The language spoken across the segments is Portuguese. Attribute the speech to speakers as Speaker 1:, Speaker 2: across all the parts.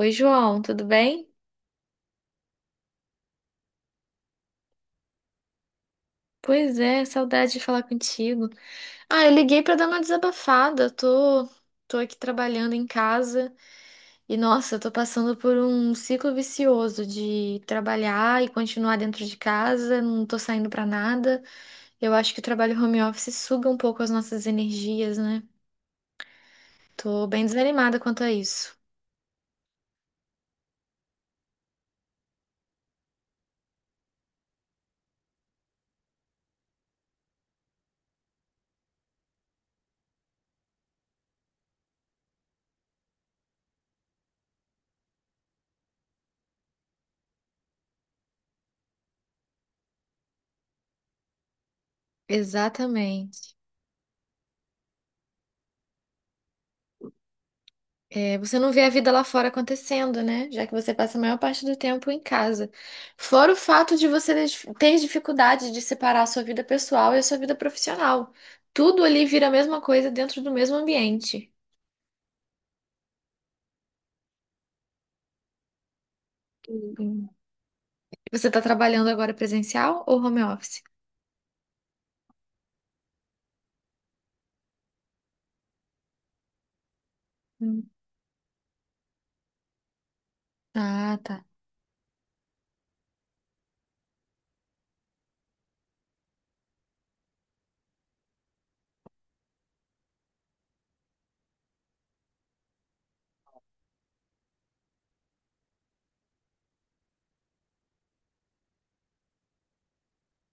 Speaker 1: Oi, João, tudo bem? Pois é, saudade de falar contigo. Ah, eu liguei pra dar uma desabafada. Tô aqui trabalhando em casa e, nossa, eu tô passando por um ciclo vicioso de trabalhar e continuar dentro de casa, não tô saindo pra nada. Eu acho que o trabalho home office suga um pouco as nossas energias, né? Tô bem desanimada quanto a isso. Exatamente. É, você não vê a vida lá fora acontecendo, né? Já que você passa a maior parte do tempo em casa. Fora o fato de você ter dificuldade de separar a sua vida pessoal e a sua vida profissional. Tudo ali vira a mesma coisa dentro do mesmo ambiente. Hum. Você está trabalhando agora presencial ou home office? Hum. Ah, tá.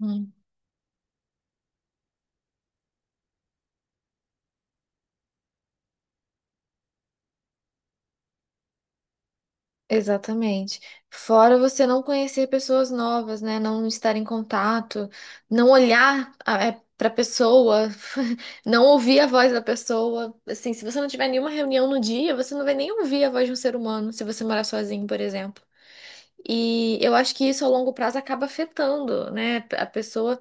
Speaker 1: Hum. Exatamente. Fora você não conhecer pessoas novas, né? Não estar em contato, não olhar para a pessoa, não ouvir a voz da pessoa. Assim, se você não tiver nenhuma reunião no dia, você não vai nem ouvir a voz de um ser humano, se você morar sozinho, por exemplo. E eu acho que isso a longo prazo acaba afetando, né? A pessoa,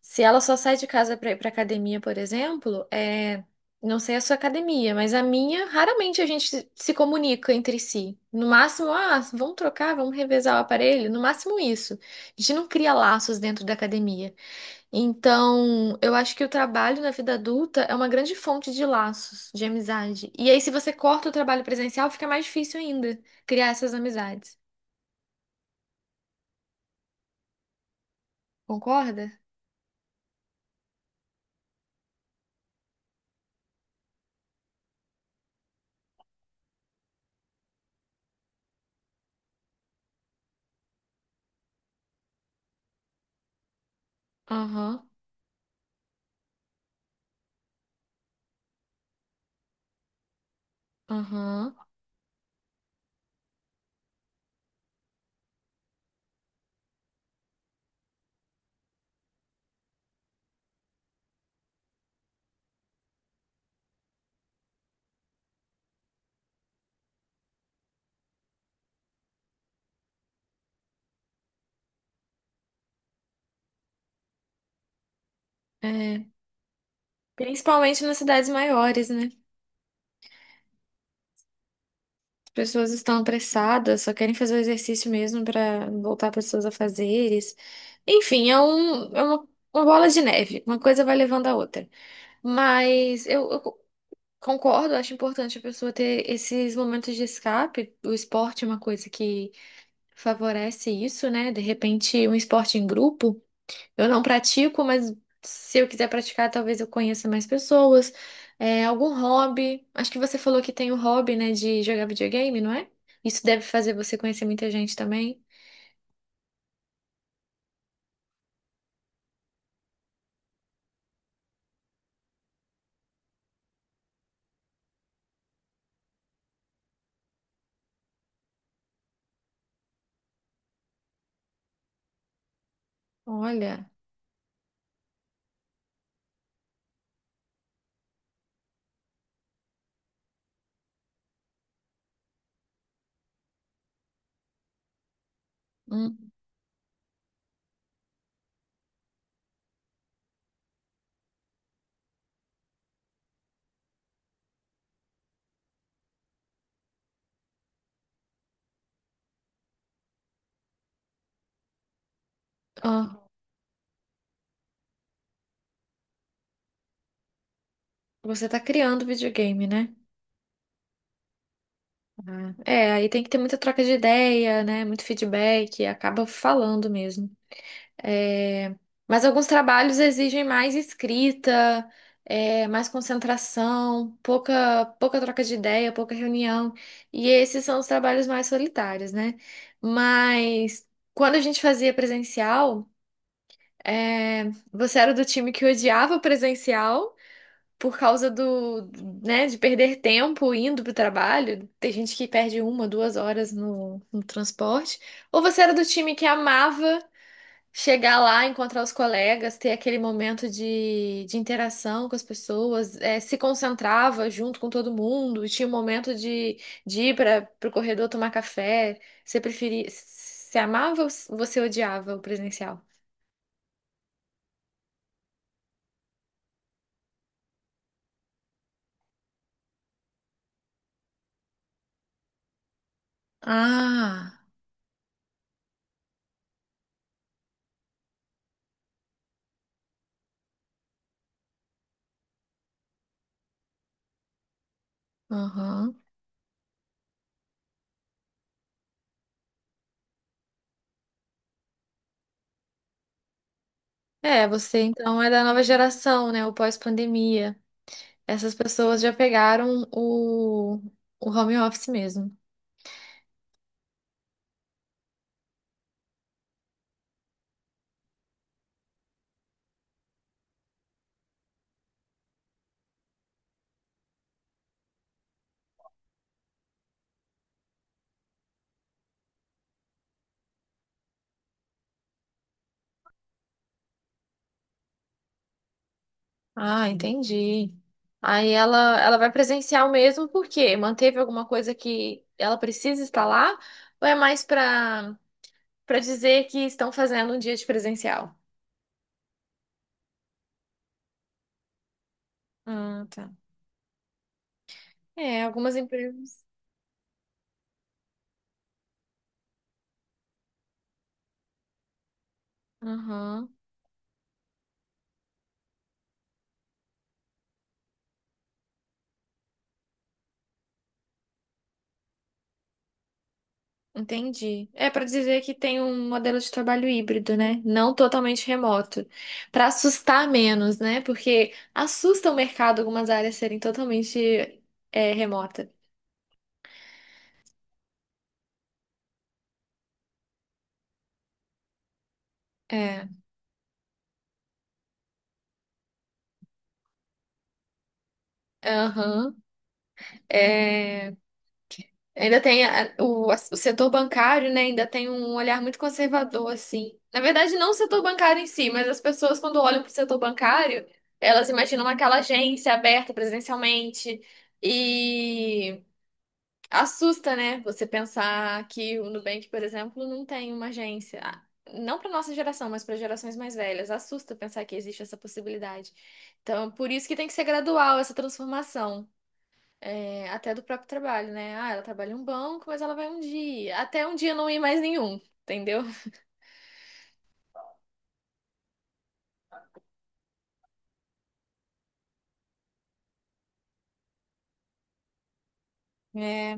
Speaker 1: se ela só sai de casa para ir para academia, por exemplo, é... não sei a sua academia, mas a minha, raramente a gente se comunica entre si. No máximo, ah, vamos trocar, vamos revezar o aparelho, no máximo isso. A gente não cria laços dentro da academia. Então, eu acho que o trabalho na vida adulta é uma grande fonte de laços, de amizade. E aí, se você corta o trabalho presencial, fica mais difícil ainda criar essas amizades. Concorda? Aham, aham. É. Principalmente nas cidades maiores, né? Pessoas estão apressadas, só querem fazer o exercício mesmo para voltar pessoas a fazeres. Enfim, é, um, é uma bola de neve, uma coisa vai levando a outra. Mas eu concordo, acho importante a pessoa ter esses momentos de escape. O esporte é uma coisa que favorece isso, né? De repente, um esporte em grupo. Eu não pratico, mas se eu quiser praticar, talvez eu conheça mais pessoas. É, algum hobby. Acho que você falou que tem o hobby, né, de jogar videogame, não é? Isso deve fazer você conhecer muita gente também. Olha, hum, ó, você tá criando videogame, né? Ah, é, aí tem que ter muita troca de ideia, né? Muito feedback, acaba falando mesmo. É, mas alguns trabalhos exigem mais escrita, mais concentração, pouca troca de ideia, pouca reunião. E esses são os trabalhos mais solitários, né? Mas quando a gente fazia presencial, é, você era do time que odiava o presencial por causa do, né, de perder tempo indo para o trabalho. Tem gente que perde uma, duas horas no transporte. Ou você era do time que amava. Chegar lá, encontrar os colegas, ter aquele momento de interação com as pessoas, se concentrava junto com todo mundo, e tinha um momento de ir para o corredor tomar café. Você preferia, você amava ou você odiava o presencial? Ah, aham. É, você então é da nova geração, né? O pós-pandemia. Essas pessoas já pegaram o home office mesmo. Ah, entendi. Aí ela vai presencial mesmo, por quê? Manteve alguma coisa que ela precisa estar lá? Ou é mais para para dizer que estão fazendo um dia de presencial? Ah, tá. É, algumas empresas. Aham, entendi. É para dizer que tem um modelo de trabalho híbrido, né? Não totalmente remoto. Para assustar menos, né? Porque assusta o mercado algumas áreas serem totalmente remota. É. Aham. É, ainda tem o setor bancário, né? Ainda tem um olhar muito conservador, assim. Na verdade, não o setor bancário em si, mas as pessoas, quando olham para o setor bancário, elas imaginam aquela agência aberta presencialmente. E assusta, né? Você pensar que o Nubank, por exemplo, não tem uma agência. Ah, não para nossa geração, mas para gerações mais velhas. Assusta pensar que existe essa possibilidade. Então, por isso que tem que ser gradual essa transformação. É, até do próprio trabalho, né? Ah, ela trabalha em um banco, mas ela vai um dia. Até um dia não ir mais nenhum, entendeu? É,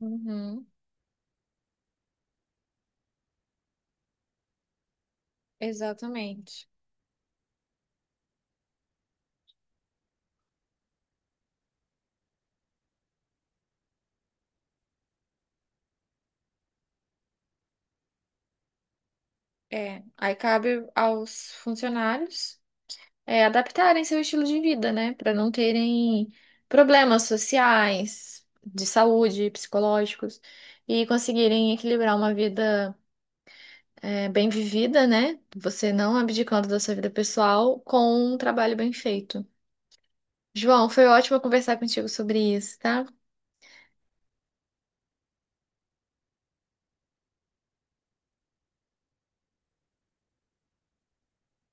Speaker 1: uhum, exatamente. Aí cabe aos funcionários adaptarem seu estilo de vida, né? Para não terem problemas sociais, de saúde, psicológicos, e conseguirem equilibrar uma vida bem vivida, né? Você não abdicando da sua vida pessoal com um trabalho bem feito. João, foi ótimo conversar contigo sobre isso, tá?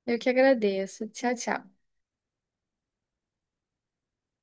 Speaker 1: Eu que agradeço. Tchau, tchau.